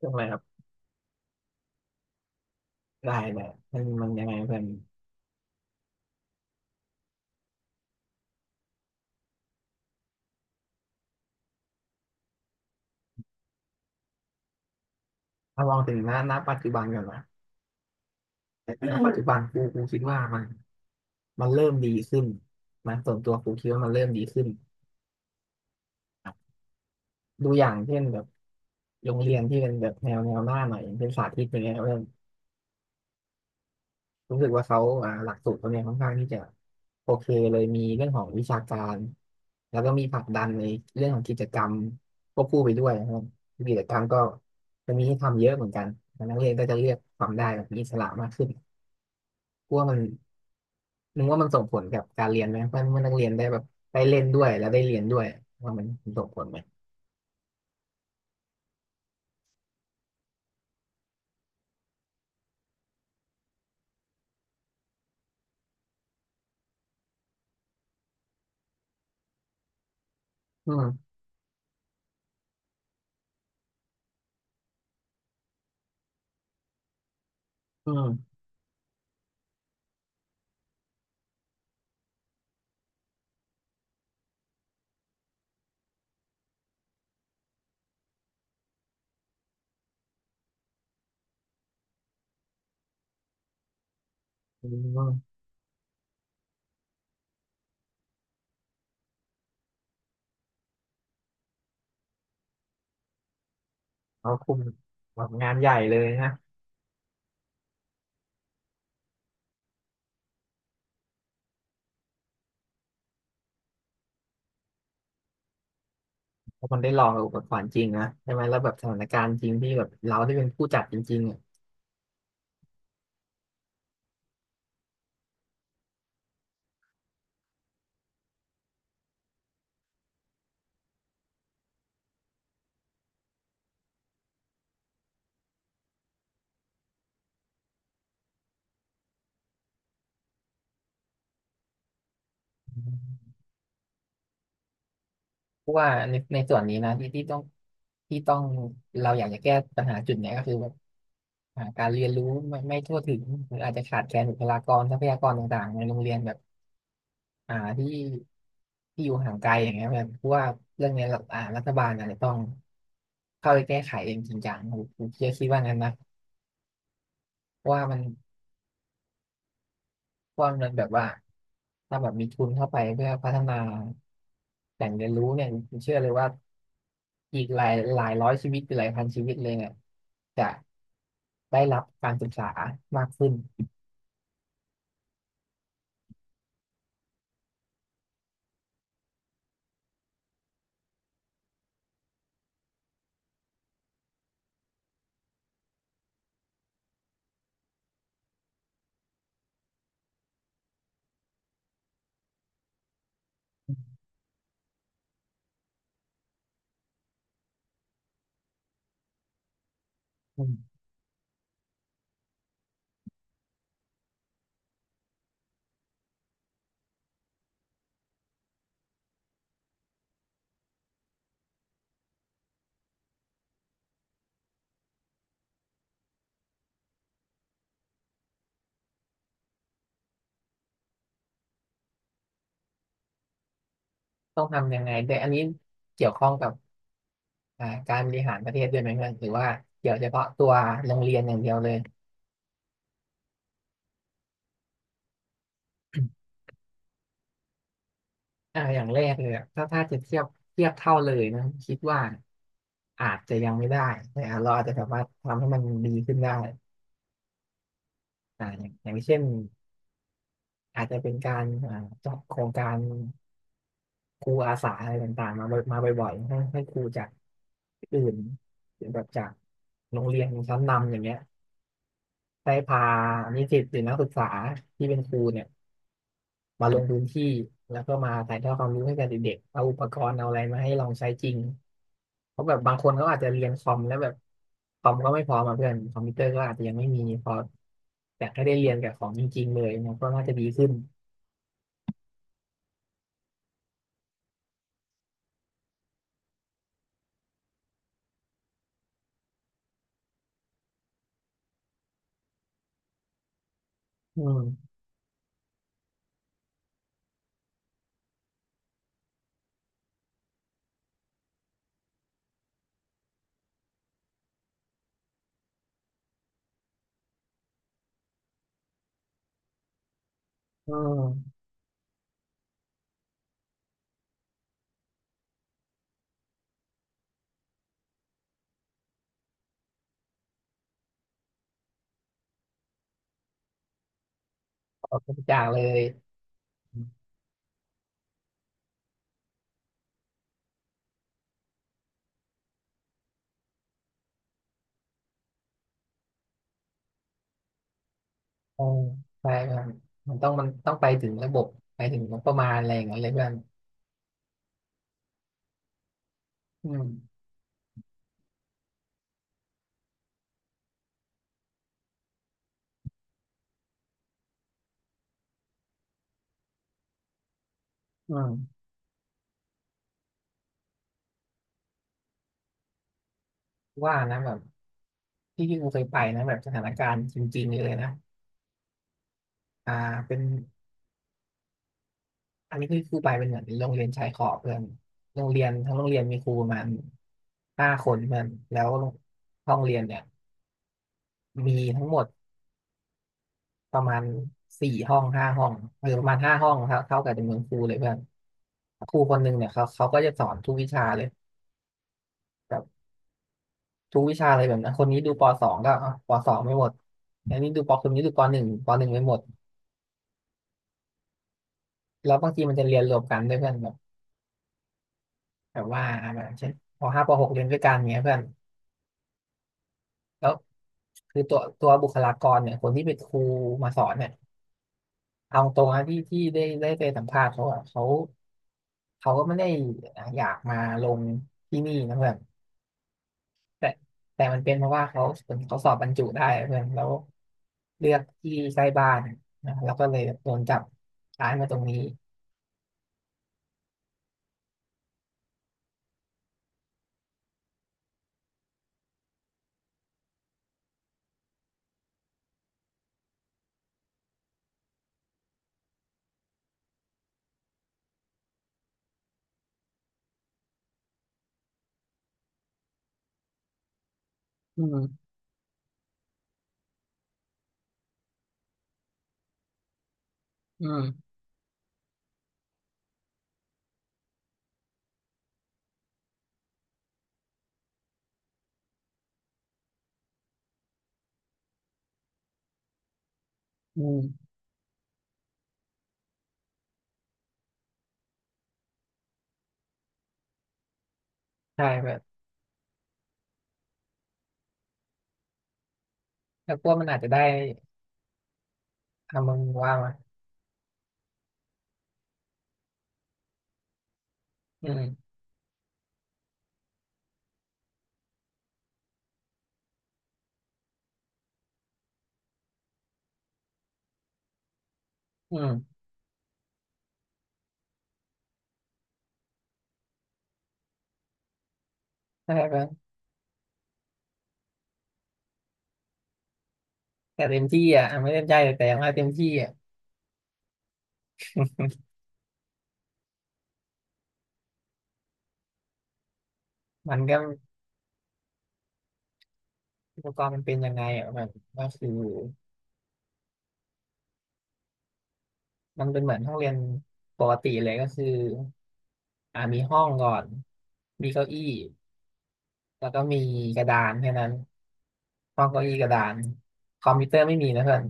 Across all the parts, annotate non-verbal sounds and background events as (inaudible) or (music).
ช่วงอะไรครับได้เลยมันยังไงเพื่อนถ้ามองถึงหน้าปัจจุบันก่อนนะหปัจจุบันกูคิดว่ามันเริ่มดีขึ้นนะส่วนตัวกูคิดว่ามันเริ่มดีขึ้นครับดูอย่างเช่นแบบโรงเรียนที่เป็นแบบแนวหน้าหน่อยอย่างเป็นสาธิตอย่างเงี้ยเพื่อนรู้สึกว่าเขาหลักสูตรเขาเนี่ยค่อนข้างที่จะโอเคเลยมีเรื่องของวิชาการแล้วก็มีผลักดันในเรื่องของกิจกรรมควบคู่ไปด้วยนะครับกิจกรรมก็จะมีให้ทำเยอะเหนัมือนกันนักเรียนก็จะเลือกทำได้แบบมีอิสระมากขึ้น กลัวมันนึกว่ามันส่งผลกับการเรียนไหมว่าเมื่อนักเรียนได้แบบได้เล่นด้วยแล้วได้เรียนด้วยว่ามันส่งผลไหมอืมอืมอืมเขาคุมแบบงานใหญ่เลยนะเพราะมันได้ลองกับอุปกรณ์จริงนะใช่ไหมแล้วแบบสถานการณ์จริงที่แบบเราได้เป็นผู้จัดจริงๆอะเพราะว่าในส่วนนี้นะที่ต้องเราอยากจะแก้ปัญหาจุดเนี้ยก็คือแบบการเรียนรู้ไม่ทั่วถึงหรืออาจจะขาดแคลนบุคลากรทรัพยากรต่างๆในโรงเรียนแบบ อ่าที่ที่อยู่ห่างไกลอย่างเงี้ยเพอนเพราะว่าเรื่องเนี้ยเรารัฐบาลอาจจะต้องเข้าไปแก้ไขเองจริงจังผมเชื่อคิดว่างั้นนะเพราะว่ามันเพราะว่ามันแบบว่าถ้าแบบมีทุนเข้าไปเพื่อพัฒนาแหล่งเรียนรู้เนี่ยผมเชื่อเลยว่าอีกหลายร้อยชีวิตหรือหลายพันชีวิตเลยเนี่ยจะได้รับการศึกษามากขึ้นอืมต้องทำยังไงด้วยอันนี้เกี่ยวข้องกับ การบริหารประเทศด้วยไหมเพื่อนหรือว่าเกี่ยวเฉพาะตัวโรงเรียนอย่างเดียวเลย (clears throat) อย่างแรกเลยอะถ้าจะเทียบเทียบเท่าเลยนะคิดว่าอาจจะยังไม่ได้แต่เราอาจจะสามารถทำให้มันดีขึ้นได้อย่างเช่นอาจจะเป็นการจัดโครงการครูอาสาอะไรต่างๆมาบ่อยมาบ่อยๆให้ครูจากอื่นหรือแบบจากโรงเรียนชั้นนำอย่างเงี้ยได้พานิสิตหรือนักศึกษาที่เป็นครูเนี่ย มาลงพื้นที่แล้วก็มาถ่ายทอดความรู้ให้กับเด็กๆเอาอุปกรณ์เอาอะไรมาให้ลองใช้จริงเพราะแบบบางคนเขาอาจจะเรียนคอมแล้วแบบคอมก็ไม่พร้อมาเพื่อนคอมพิวเตอร์ก็อาจจะยังไม่มีพออยากให้ได้เรียนกับของจริงๆเลยเนี่ยก็น่าจะดีขึ้นอืมอืมขอบคุณจากเลยอืมใช่ครับมันต้องไปถึงระบบไปถึงงบประมาณอะไรอย่างเงี้ยเลยเพื่อนอืมอืมว่านะแบบที่กูเคยไปนะแบบสถานการณ์จริงๆเลยนะอ่าเป็น อันนี้คือครูไปเป็นเหมือนโรงเรียนชายขอบเพื่อนโรงเรียนทั้งโรงเรียนมีครูประมาณห้าคนเพื่อนแล้วห้องเรียนเนี่ยมีทั้งหมดประมาณสี่ห้องห้าห้องหรือประมาณห้าห้องครับเท่ากับจำนวนครูเลยเพื่อนครูคนหนึ่งเนี่ยเขาก็จะสอนทุกวิชาเลยแบบทุกวิชาเลยแบบนั้นคนนี้ดูปสองก็อ่ะปสองไม่หมดอันนี้ดูปคนนี้ดูปหนึ่งปหนึ่งไม่หมดแล้วบางทีมันจะเรียนรวมกันด้วยเพื่อนแบบแบบว่าแบบเช่นปห้าปหกเรียนด้วยกันเงี้ยเพื่อน แล้วคือตัวบุคลากรเนี่ยคนที่เป็นครูมาสอนเนี่ยเอาตรงนะที่ได้ไปสัมภาษณ์เขาอะเขาก็ไม่ได้อยากมาลงที่นี่นะเพื่อนแต่แต่มันเป็นเพราะว่าเขาเขาสอบบรรจุได้เพื่อนแล้วเลือกที่ใกล้บ้านนะแล้วก็เลยโดนจับย้ายมาตรงนี้อืมอืมอืมใช่เพื่อนแล้วพวกมันอาจจะได้ทำมึงว่ามาอืมอืมใช่เพื่อนแต่เต็มที่อ่ะไม่เต็มใจแต่อย่างว่าเต็มที่อ่ะมันก็ อุปกรณ์มันเป็นยังไงอ่ะแบบก็คือมันเป็นเหมือนห้องเรียนปกติเลยก็คือมีห้องก่อนมีเก้าอี้แล้วก็มีกระดานแค่นั้นห้องเก้าอี้กระดานคอมพิวเตอร์ไม่มีนะเพื่อน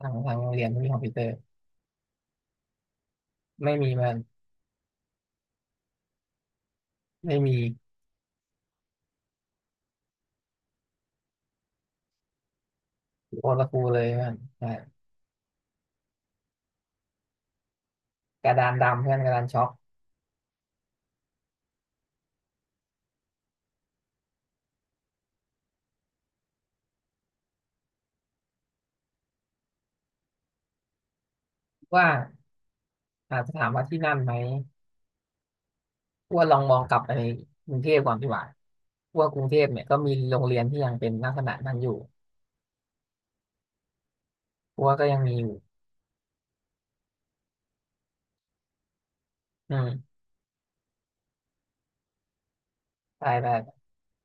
ทางโรงเรียนไม่มีคอมพิวเตอร์ไม่มีมันไม่มีโอตะกูเลยมันใช่กระดานดำเพื่อนกระดานช็อกว่าอาจจะถามว่าที่นั่นไหมว่าลองมองกลับไปในกรุงเทพก่อนดีกว่าว่ากรุงเทพเนี่ยก็มีโรงเรียนที่ยังเป็นลักษณะนั้นอยู่ กูว่าก็ยังมีอยู่อืมไปไป